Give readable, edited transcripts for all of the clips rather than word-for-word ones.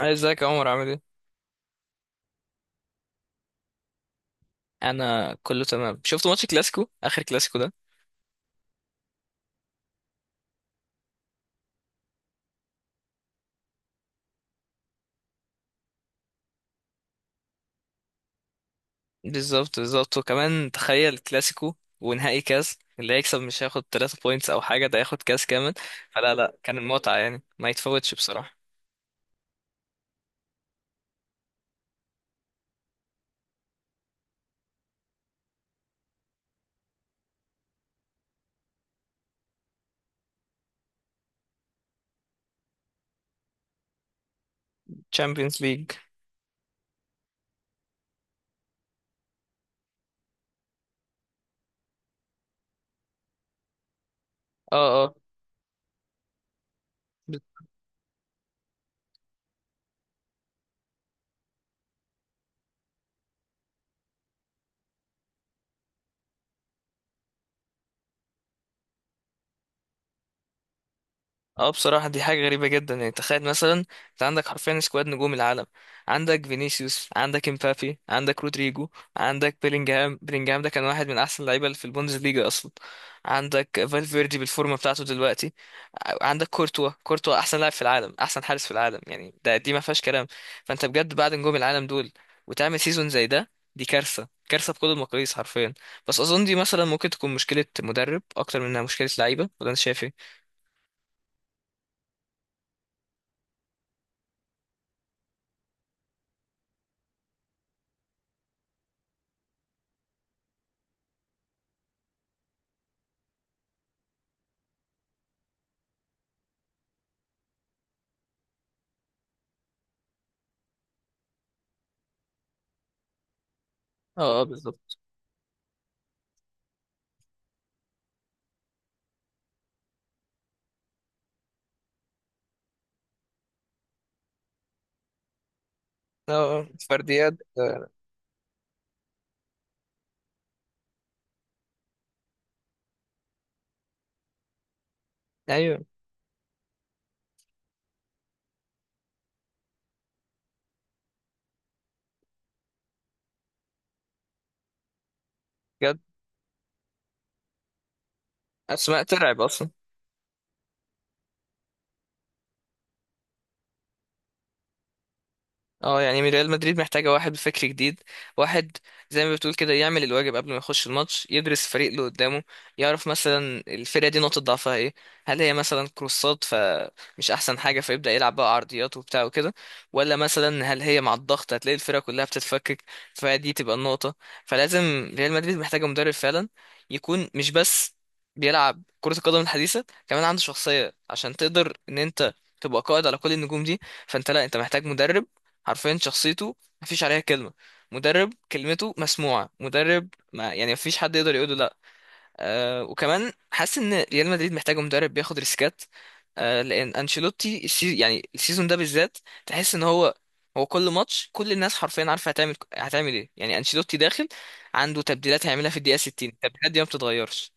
ازيك يا عمر، عامل ايه؟ انا كله تمام. شفت ماتش كلاسيكو، اخر كلاسيكو ده؟ بالظبط بالظبط، وكمان تخيل كلاسيكو ونهائي كاس. اللي هيكسب مش هياخد 3 بوينتس او حاجه، ده هياخد كاس كامل. فلا لا، كان المتعه يعني ما يتفوتش بصراحه. تشامبيونز ليج. اه اه اه، بصراحة دي حاجة غريبة جدا. يعني تخيل مثلا، انت عندك حرفيا سكواد نجوم العالم. عندك فينيسيوس، عندك امبابي، عندك رودريجو، عندك بيلينجهام ده كان واحد من احسن اللعيبة اللي في البوندسليجا اصلا. عندك فالفيردي بالفورمة بتاعته دلوقتي. عندك كورتوا احسن لاعب في العالم، احسن حارس في العالم. يعني دي ما فيهاش كلام. فانت بجد بعد نجوم العالم دول وتعمل سيزون زي ده، دي كارثة. كارثة بكل المقاييس حرفيا. بس اظن دي مثلا ممكن تكون مشكلة مدرب اكتر منها مشكلة لعيبة، ولا انت شايف ايه؟ اه اه، بالظبط. اه، فرديات. ايوه، بجد. اسماء ترعب اصلا. اه يعني ريال مدريد محتاجة واحد بفكر جديد. واحد زي ما بتقول كده، يعمل الواجب قبل ما يخش الماتش، يدرس الفريق اللي قدامه. يعرف مثلا الفرقة دي نقطة ضعفها ايه. هل هي مثلا كروسات فمش احسن حاجة، فيبدأ يلعب بقى عرضيات وبتاع وكده. ولا مثلا هل هي مع الضغط هتلاقي الفرقة كلها بتتفكك؟ فدي تبقى النقطة. فلازم ريال مدريد محتاجة مدرب فعلا يكون مش بس بيلعب كرة القدم الحديثة، كمان عنده شخصية عشان تقدر ان انت تبقى قائد على كل النجوم دي. فانت لا، انت محتاج مدرب حرفيا شخصيته مفيش عليها كلمة. مدرب كلمته مسموعة، مدرب ما يعني مفيش حد يقدر يقوله لا. أه، وكمان حاسس ان ريال مدريد محتاج مدرب بياخد ريسكات. أه لان انشيلوتي يعني السيزون ده بالذات تحس ان هو كل ماتش كل الناس حرفيا عارفه هتعمل ايه. يعني انشيلوتي داخل عنده تبديلات هيعملها في الدقيقة 60، التبديلات دي ما بتتغيرش.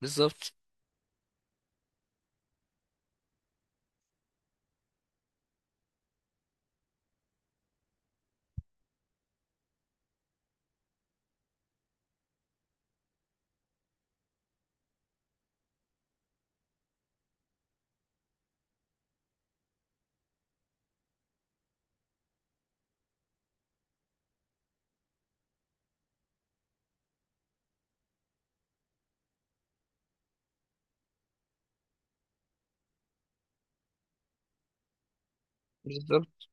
بالظبط بالظبط.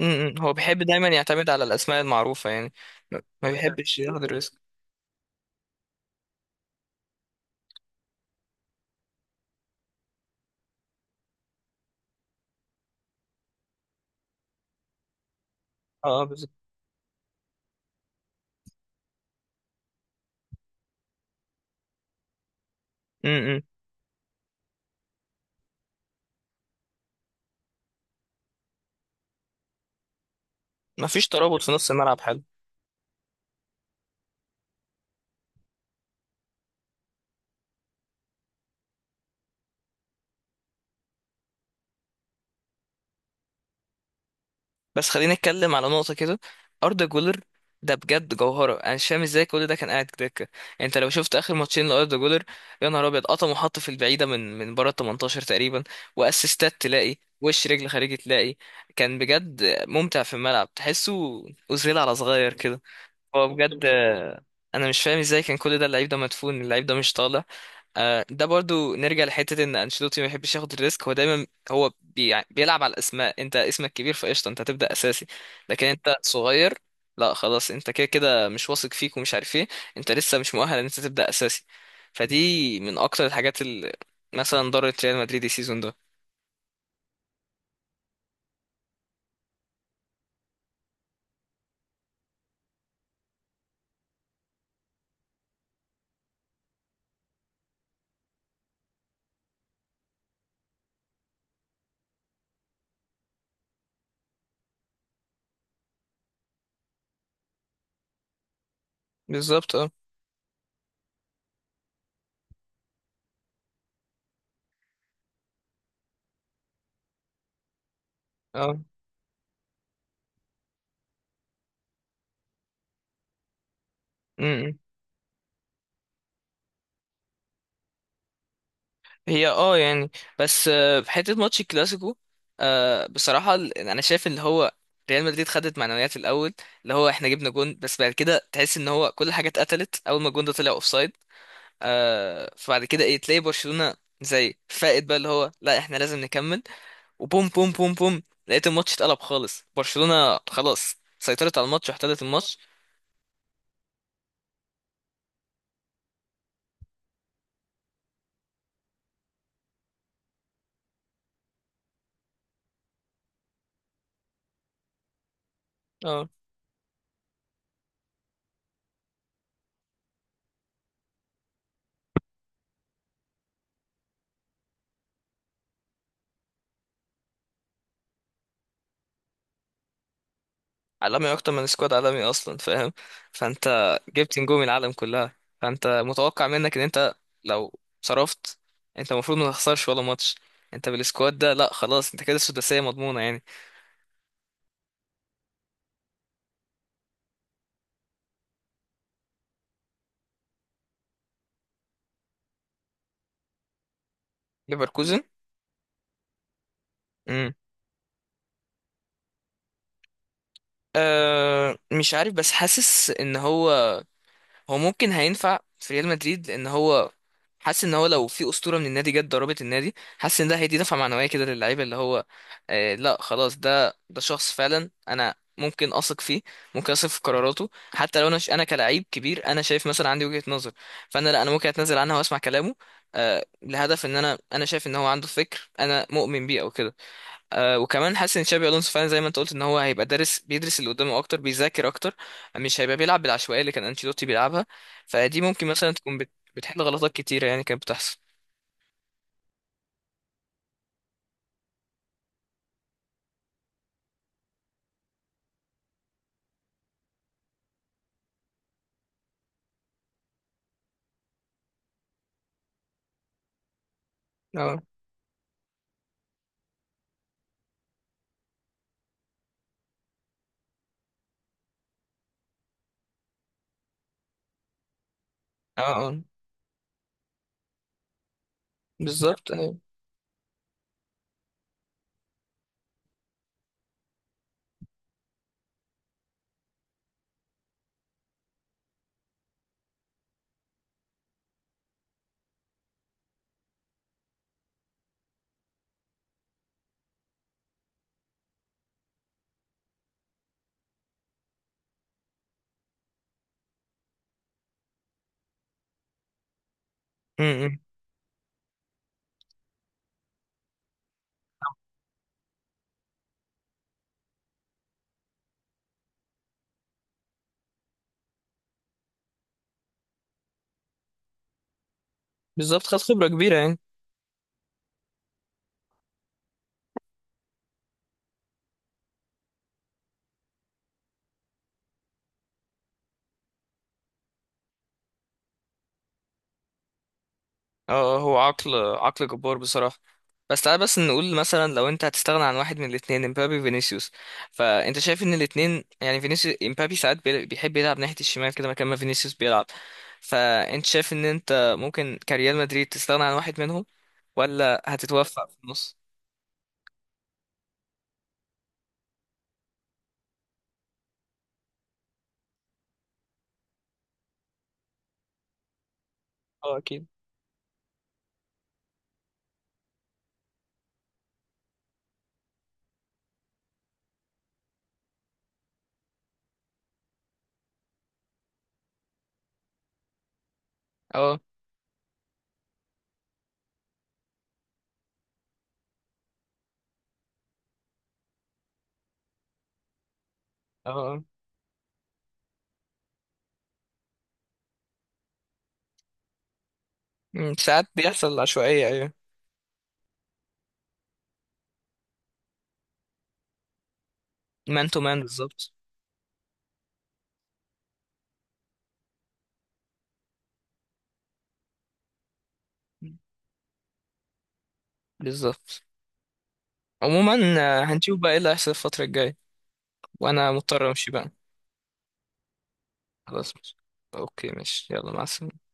م- م. هو بيحب دايما يعتمد على الاسماء المعروفة يعني. ما بيحبش ياخد الريسك. اه، بالظبط. م- م. مفيش ترابط في نص الملعب حلو. بس خلينا نتكلم على نقطة كده. أردا جولر ده بجد جوهرة. أنا مش فاهم ازاي كل ده كان قاعد دكة. يعني أنت لو شفت آخر ماتشين لأردا جولر، يا نهار أبيض! قطم وحط في البعيدة، من بره ال 18 تقريبا. وأسيستات تلاقي، وش رجل خارجي تلاقي. كان بجد ممتع في الملعب، تحسه أوزيل على صغير كده. هو بجد. أنا مش فاهم ازاي كان كل ده. اللعيب ده مدفون، اللعيب ده مش طالع. ده برضو نرجع لحتة ان انشيلوتي ما بيحبش ياخد الريسك. هو دايما، هو يعني بيلعب على الاسماء. انت اسمك كبير فقشطة، انت هتبدأ اساسي. لكن انت صغير، لا خلاص، انت كده كده مش واثق فيك ومش عارف ايه. انت لسه مش مؤهل ان انت تبدأ اساسي. فدي من اكتر الحاجات اللي مثلا ضرت ريال مدريد السيزون ده. بالظبط. اه اه. هي اه يعني، بس في حته ماتش الكلاسيكو، بصراحه يعني انا شايف اللي هو ريال مدريد خدت معنويات الاول، اللي هو احنا جبنا جون. بس بعد كده تحس ان هو كل حاجه اتقتلت اول ما الجون ده طلع اوفسايد. فبعد كده ايه، تلاقي برشلونه زي فائد بقى اللي هو لا احنا لازم نكمل. وبوم بوم بوم بوم، لقيت الماتش اتقلب خالص. برشلونه خلاص سيطرت على الماتش واحتلت الماتش. اه، عالمي، اكتر من سكواد عالمي اصلا فاهم. فانت جبت نجوم العالم كلها، فانت متوقع منك ان انت لو صرفت، انت المفروض ما تخسرش ولا ماتش. انت بالسكواد ده لا خلاص، انت كده السداسية مضمونة يعني. ليفركوزن. امم أه مش عارف، بس حاسس ان هو ممكن هينفع في ريال مدريد، لان هو حاسس ان هو لو في اسطوره من النادي جت ضربت النادي، حاسس ان ده هيدي دفعه معنويه كده للعيبه اللي هو. آه، لا خلاص، ده شخص فعلا انا ممكن اثق فيه. ممكن اثق في قراراته حتى لو انا كلاعب كبير، انا شايف مثلا عندي وجهه نظر، فانا لا، انا ممكن اتنازل عنها واسمع كلامه. آه، لهدف ان انا شايف ان هو عنده فكر انا مؤمن بيه او كده. وكمان حاسس ان تشابي الونسو فعلا زي ما انت قلت ان هو هيبقى دارس، بيدرس اللي قدامه اكتر، بيذاكر اكتر. مش هيبقى بيلعب بالعشوائيه اللي كان انشيلوتي بيلعبها. فدي ممكن مثلا تكون بتحل غلطات كتيره يعني كانت بتحصل. اه اه اه، بالظبط ايوه. م- م. بالظبط، خد خبره كبيره يعني. اه. هو عقل، عقل جبار بصراحه. بس تعال بس نقول مثلا، لو انت هتستغنى عن واحد من الاثنين امبابي فينيسيوس، فانت شايف ان الاثنين يعني فينيسيوس امبابي ساعات بيحب يلعب ناحيه الشمال كده مكان ما فينيسيوس بيلعب. فانت شايف ان انت ممكن كريال مدريد تستغنى عن واحد منهم؟ ولا هتتوفق في النص؟ اه اكيد. اه اه. آه. ساعات بيحصل عشوائية، ايوه. مان تو مان، بالظبط. بالظبط. عموما، هنشوف بقى ايه اللي هيحصل الفترة الجاية. وانا مضطر امشي بقى. خلاص ماشي. اوكي ماشي، يلا مع السلامة.